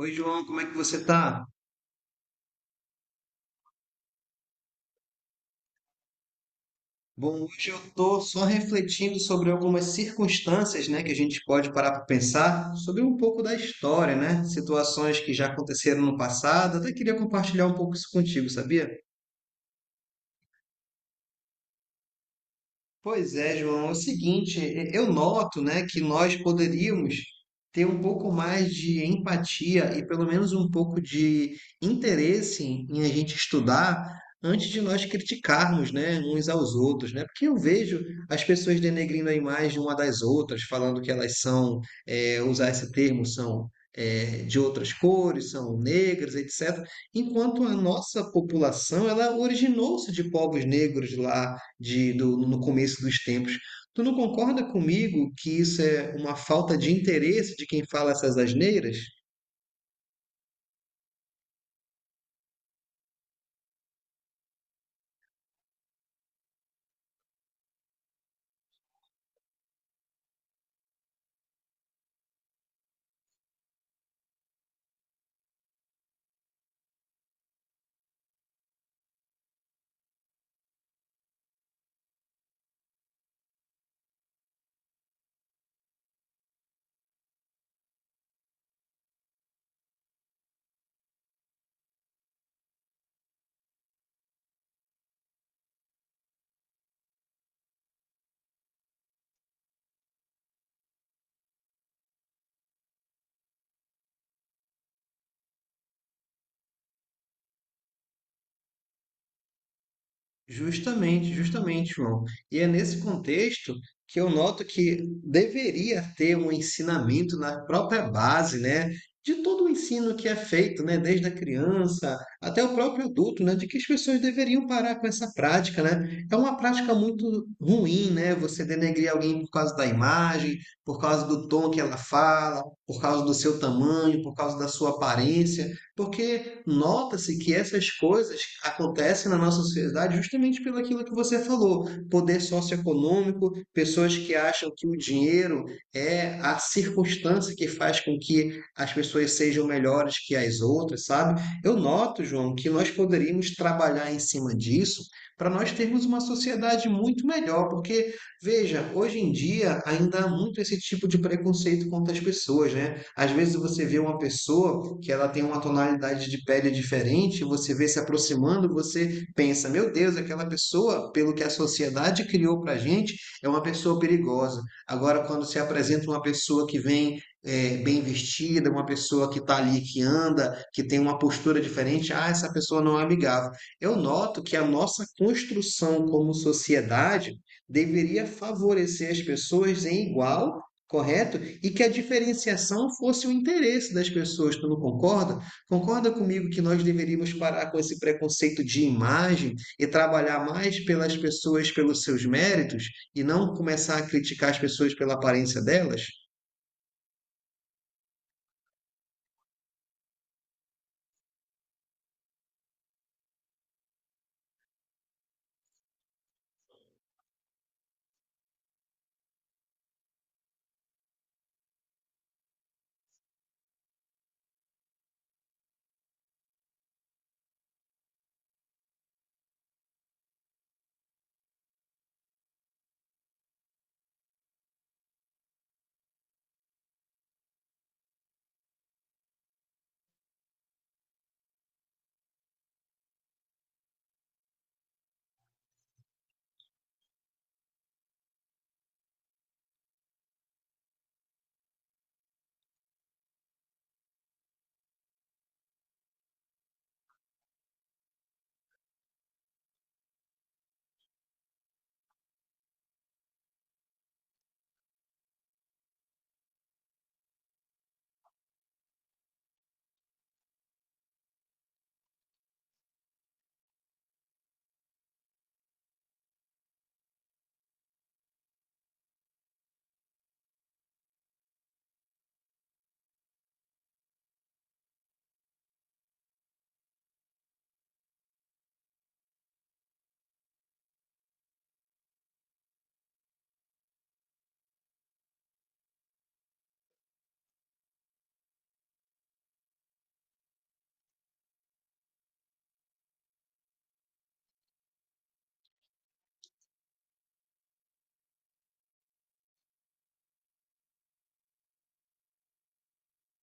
Oi, João, como é que você tá? Bom, hoje eu tô só refletindo sobre algumas circunstâncias, né, que a gente pode parar para pensar sobre um pouco da história, né? Situações que já aconteceram no passado. Até queria compartilhar um pouco isso contigo, sabia? Pois é, João. É o seguinte, eu noto, né, que nós poderíamos ter um pouco mais de empatia e pelo menos um pouco de interesse em a gente estudar antes de nós criticarmos, né, uns aos outros, né? Porque eu vejo as pessoas denegrindo a imagem uma das outras, falando que elas são, usar esse termo, são de outras cores, são negras, etc. Enquanto a nossa população, ela originou-se de povos negros lá no começo dos tempos. Tu não concorda comigo que isso é uma falta de interesse de quem fala essas asneiras? Justamente, justamente, João. E é nesse contexto que eu noto que deveria ter um ensinamento na própria base, né, de todo o ensino que é feito, né, desde a criança até o próprio adulto, né, de que as pessoas deveriam parar com essa prática, né? É uma prática muito ruim, né? Você denegrir alguém por causa da imagem, por causa do tom que ela fala, por causa do seu tamanho, por causa da sua aparência, porque nota-se que essas coisas acontecem na nossa sociedade justamente pelo aquilo que você falou, poder socioeconômico, pessoas que acham que o dinheiro é a circunstância que faz com que as pessoas sejam melhores que as outras, sabe? Eu noto, João, que nós poderíamos trabalhar em cima disso para nós termos uma sociedade muito melhor, porque veja, hoje em dia ainda há muito esse tipo de preconceito contra as pessoas, né? Às vezes você vê uma pessoa que ela tem uma tonalidade de pele diferente, você vê se aproximando, você pensa, meu Deus, aquela pessoa, pelo que a sociedade criou para a gente, é uma pessoa perigosa. Agora, quando se apresenta uma pessoa que vem bem vestida, uma pessoa que está ali, que anda, que tem uma postura diferente, ah, essa pessoa não é amigável. Eu noto que a nossa construção como sociedade deveria favorecer as pessoas em igual, correto? E que a diferenciação fosse o interesse das pessoas, tu não concorda? Concorda comigo que nós deveríamos parar com esse preconceito de imagem e trabalhar mais pelas pessoas pelos seus méritos e não começar a criticar as pessoas pela aparência delas?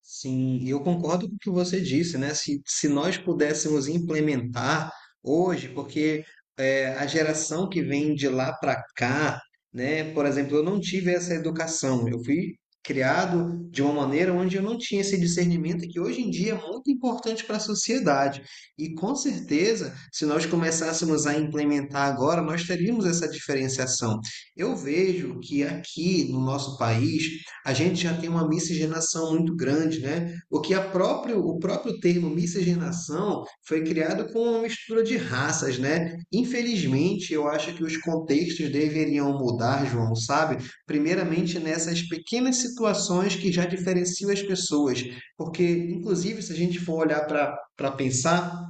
Sim, e eu concordo com o que você disse, né? Se nós pudéssemos implementar hoje, porque a geração que vem de lá para cá, né? Por exemplo, eu não tive essa educação, eu fui criado de uma maneira onde eu não tinha esse discernimento que hoje em dia é muito importante para a sociedade. E com certeza, se nós começássemos a implementar agora, nós teríamos essa diferenciação. Eu vejo que aqui no nosso país, a gente já tem uma miscigenação muito grande, né? O que o próprio termo miscigenação foi criado com uma mistura de raças, né? Infelizmente, eu acho que os contextos deveriam mudar, João, sabe? Primeiramente nessas pequenas situações que já diferenciam as pessoas, porque inclusive se a gente for olhar para pensar,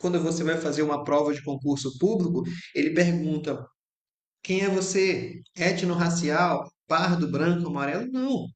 quando você vai fazer uma prova de concurso público, ele pergunta: quem é você? Étnico-racial? Pardo, branco, amarelo? Não,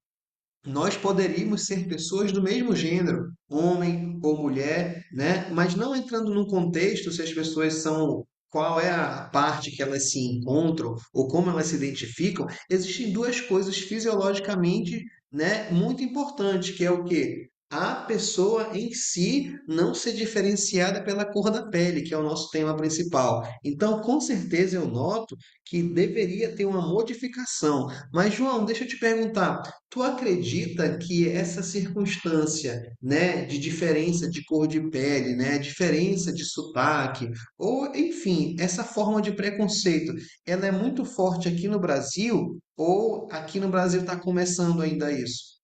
nós poderíamos ser pessoas do mesmo gênero, homem ou mulher, né? Mas não entrando num contexto se as pessoas são qual é a parte que elas se encontram ou como elas se identificam, existem duas coisas fisiologicamente, né, muito importantes, que é o quê? A pessoa em si não ser diferenciada pela cor da pele, que é o nosso tema principal. Então, com certeza eu noto que deveria ter uma modificação. Mas João, deixa eu te perguntar, tu acredita que essa circunstância, né, de diferença de cor de pele, né, diferença de sotaque, ou enfim, essa forma de preconceito, ela é muito forte aqui no Brasil ou aqui no Brasil está começando ainda isso?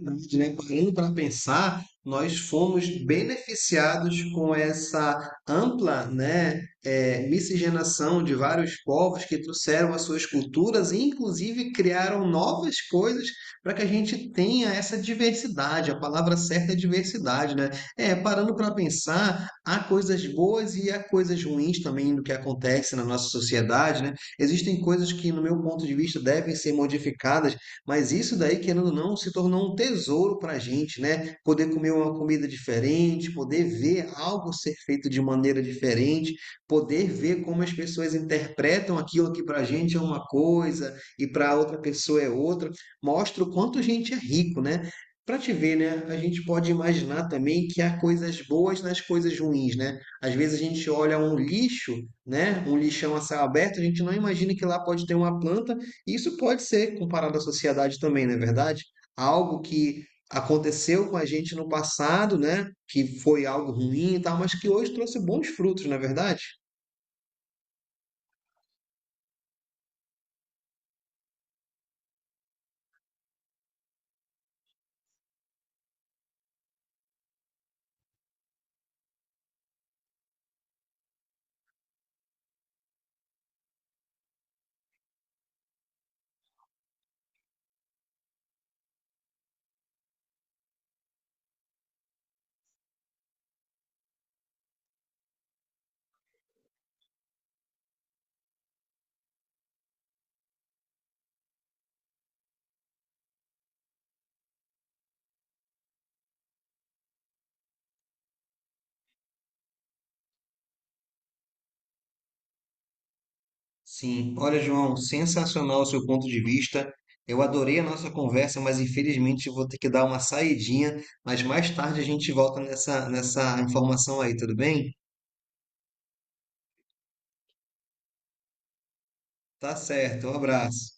Verdade, né? Parando para pensar, nós fomos beneficiados com essa ampla, né, miscigenação de vários povos que trouxeram as suas culturas e, inclusive, criaram novas coisas para que a gente tenha essa diversidade. A palavra certa é diversidade, né? Parando para pensar, há coisas boas e há coisas ruins também do que acontece na nossa sociedade, né? Existem coisas que, no meu ponto de vista, devem ser modificadas, mas isso daí, querendo ou não, se tornou um tesouro para a gente, né? Poder comer uma comida diferente, poder ver algo ser feito de maneira diferente, poder ver como as pessoas interpretam aquilo que para a gente é uma coisa e para outra pessoa é outra, mostra o quanto a gente é rico, né? Para te ver, né? A gente pode imaginar também que há coisas boas nas coisas ruins, né? Às vezes a gente olha um lixo, né? Um lixão a céu aberto, a gente não imagina que lá pode ter uma planta, isso pode ser comparado à sociedade também, não é verdade? Algo que aconteceu com a gente no passado, né? Que foi algo ruim e tal, mas que hoje trouxe bons frutos, não é verdade? Sim. Olha, João, sensacional o seu ponto de vista. Eu adorei a nossa conversa, mas infelizmente eu vou ter que dar uma saidinha, mas mais tarde a gente volta nessa informação aí, tudo bem? Tá certo. Um abraço.